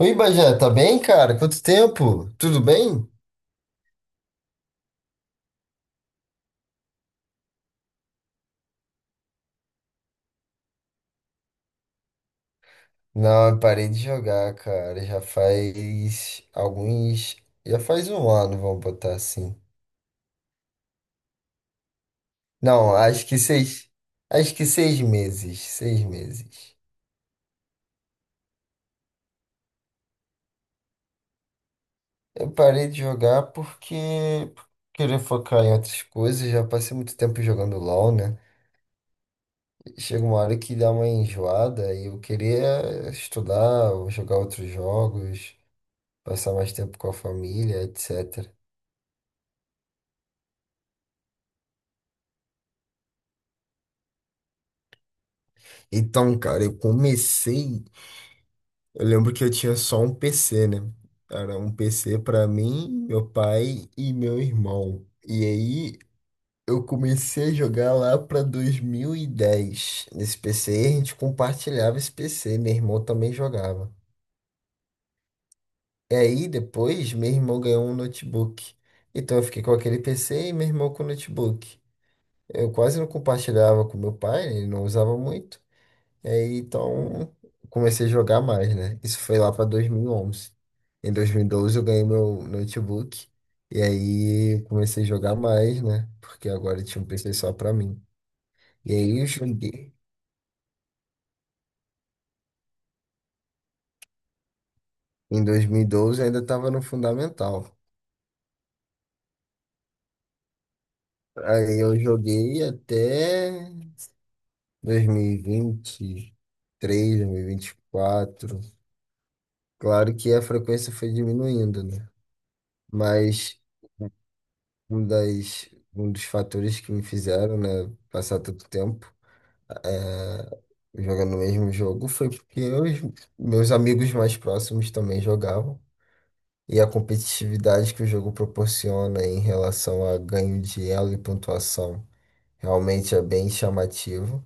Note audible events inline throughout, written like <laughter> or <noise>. Oi, Bajé, tá bem, cara? Quanto tempo? Tudo bem? Não, eu parei de jogar, cara. Já faz alguns. Já faz um ano, vamos botar assim. Não, acho que seis. Acho que seis meses. Seis meses. Eu parei de jogar porque queria focar em outras coisas. Já passei muito tempo jogando LOL, né? Chega uma hora que dá uma enjoada e eu queria estudar ou jogar outros jogos, passar mais tempo com a família, etc. Então, cara, eu comecei. Eu lembro que eu tinha só um PC, né? Era um PC pra mim, meu pai e meu irmão. E aí eu comecei a jogar lá pra 2010. Nesse PC a gente compartilhava esse PC, meu irmão também jogava. E aí depois meu irmão ganhou um notebook. Então eu fiquei com aquele PC e meu irmão com o notebook. Eu quase não compartilhava com meu pai, né? Ele não usava muito. E aí, então, comecei a jogar mais, né? Isso foi lá para 2011. Em 2012 eu ganhei meu notebook e aí comecei a jogar mais, né? Porque agora tinha um PC só para mim. E aí eu joguei. Em 2012 eu ainda estava no fundamental. Aí eu joguei até dois dois mil mil vinte vinte 2024. Claro que a frequência foi diminuindo, né? Mas um das, um dos fatores que me fizeram, né, passar tanto tempo é, jogando o mesmo jogo foi porque eu, e os meus amigos mais próximos também jogavam. E a competitividade que o jogo proporciona em relação a ganho de elo e pontuação realmente é bem chamativa.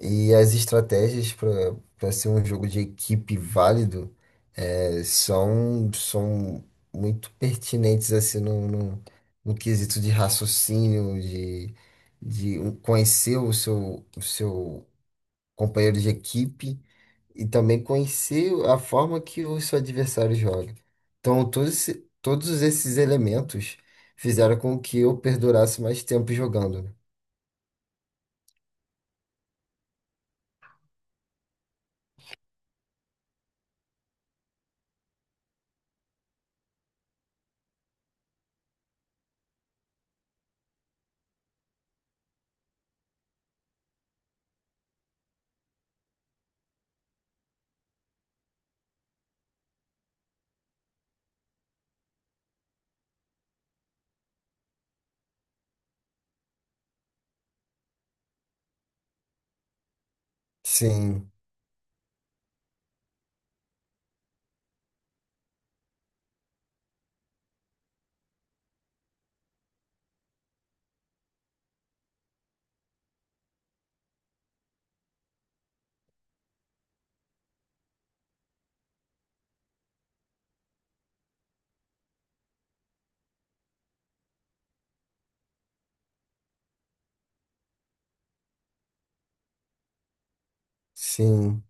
E as estratégias para ser um jogo de equipe válido são muito pertinentes assim no quesito de raciocínio, de conhecer o seu companheiro de equipe e também conhecer a forma que o seu adversário joga. Então, todos esses elementos fizeram com que eu perdurasse mais tempo jogando, né? Sim, sim.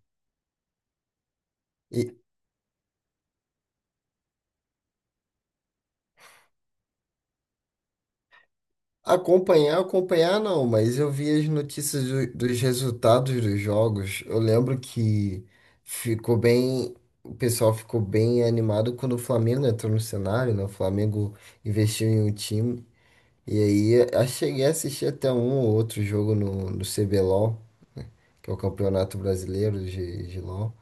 Acompanhar, acompanhar não, mas eu vi as notícias dos resultados dos jogos. Eu lembro que ficou bem, o pessoal ficou bem animado quando o Flamengo entrou no cenário, né? O Flamengo investiu em um time. E aí eu cheguei a assistir até um ou outro jogo no, no C CBLOL, que é o Campeonato Brasileiro de LOL.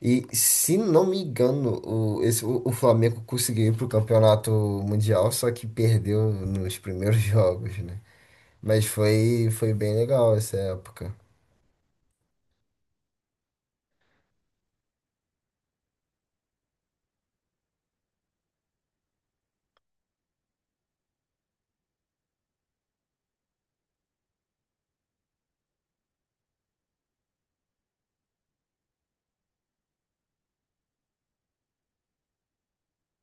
E se não me engano, o Flamengo conseguiu ir pro Campeonato Mundial, só que perdeu nos primeiros <laughs> jogos, né? Mas foi bem legal essa época.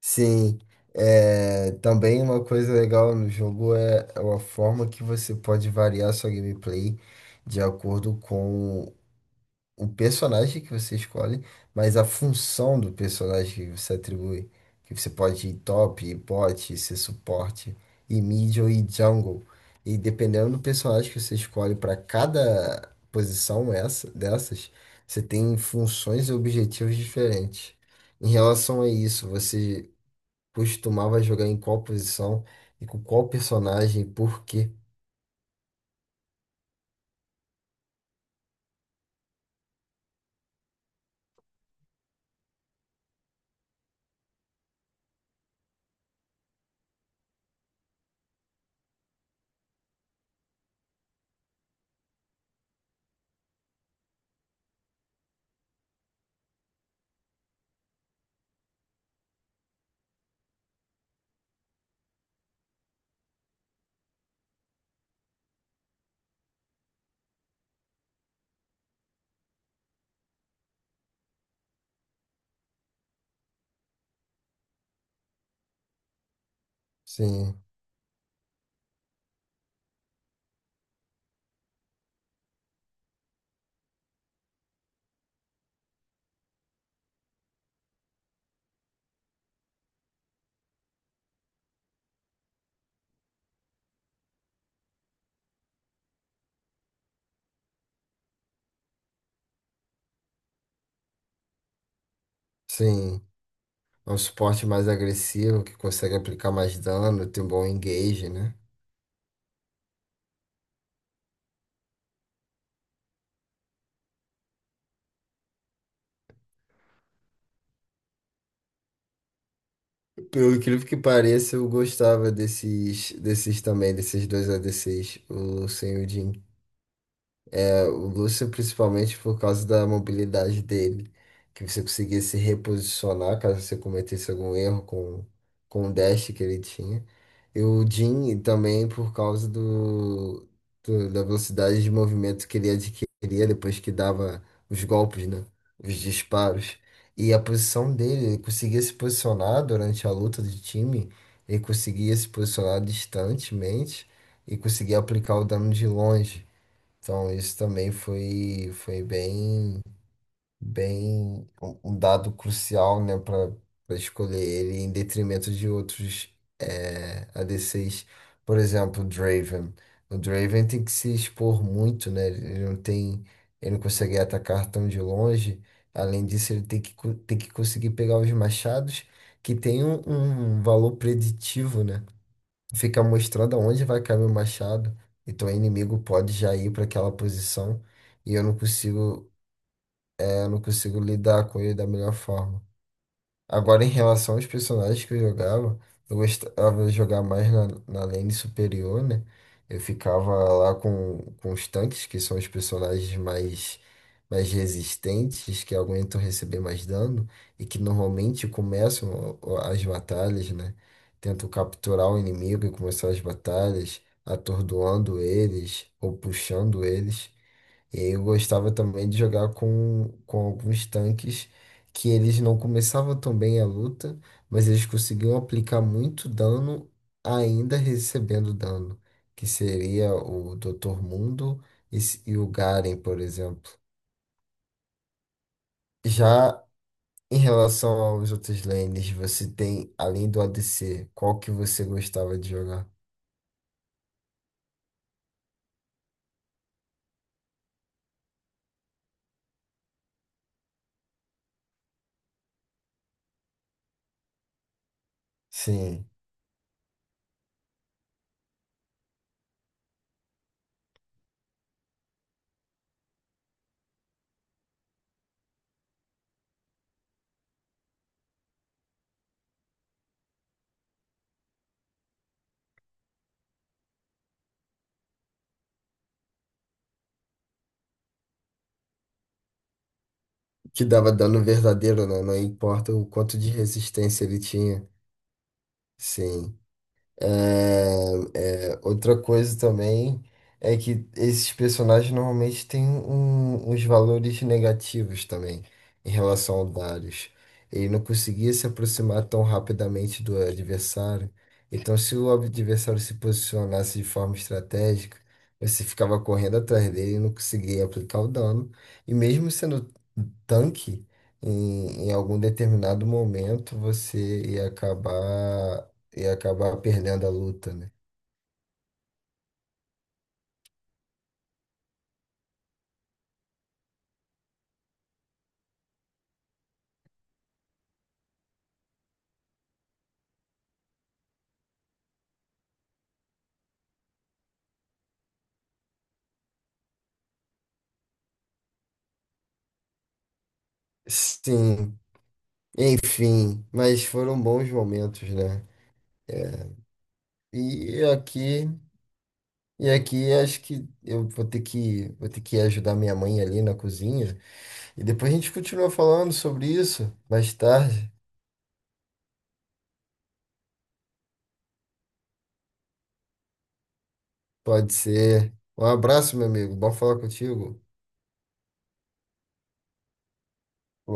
Sim, também uma coisa legal no jogo é a forma que você pode variar sua gameplay de acordo com o personagem que você escolhe, mas a função do personagem que você atribui. Que você pode ir top, ir bot, ser suporte, ir middle e jungle. E dependendo do personagem que você escolhe para cada posição dessas, você tem funções e objetivos diferentes. Em relação a isso, você costumava jogar em qual posição e com qual personagem e por quê? Sim, sim. É um suporte mais agressivo, que consegue aplicar mais dano, tem um bom engage, né? Pelo incrível que pareça, eu gostava desses também, desses dois a ADCs, o sem o Jhin. O Lúcio, principalmente por causa da mobilidade dele, que você conseguia se reposicionar caso você cometesse algum erro com o dash que ele tinha. E o Jhin também por causa da velocidade de movimento que ele adquiria depois que dava os golpes, né? Os disparos. E a posição dele, ele conseguia se posicionar durante a luta de time, ele conseguia se posicionar distantemente e conseguia aplicar o dano de longe. Então, isso também foi bem um dado crucial, né, para escolher ele em detrimento de outros ADCs. Por exemplo, o Draven. O Draven tem que se expor muito, né? Ele não consegue atacar tão de longe. Além disso, ele tem que conseguir pegar os machados, que tem um valor preditivo, né? Fica mostrando aonde vai cair meu machado. Então o inimigo pode já ir para aquela posição e eu não consigo lidar com ele da melhor forma. Agora, em relação aos personagens que eu jogava, eu gostava de jogar mais na lane superior, né? Eu ficava lá com os tanques, que são os personagens mais resistentes, que aguentam receber mais dano e que normalmente começam as batalhas, né? Tento capturar o inimigo e começar as batalhas, atordoando eles ou puxando eles. E aí eu gostava também de jogar com alguns tanques que eles não começavam tão bem a luta, mas eles conseguiam aplicar muito dano ainda recebendo dano, que seria o Dr. Mundo e o Garen, por exemplo. Já em relação aos outros lanes, você tem, além do ADC, qual que você gostava de jogar? Sim, que dava dano verdadeiro, né? Não importa o quanto de resistência ele tinha. Sim. Outra coisa também é que esses personagens normalmente têm uns valores negativos também em relação ao Darius. Ele não conseguia se aproximar tão rapidamente do adversário. Então, se o adversário se posicionasse de forma estratégica, você ficava correndo atrás dele e não conseguia aplicar o dano. E mesmo sendo tanque, em algum determinado momento você ia acabar e acabar perdendo a luta, né? Sim, enfim, mas foram bons momentos, né? É, E aqui, e aqui acho que eu vou ter que ajudar minha mãe ali na cozinha. E depois a gente continua falando sobre isso mais tarde. Pode ser. Um abraço, meu amigo. Bom falar contigo.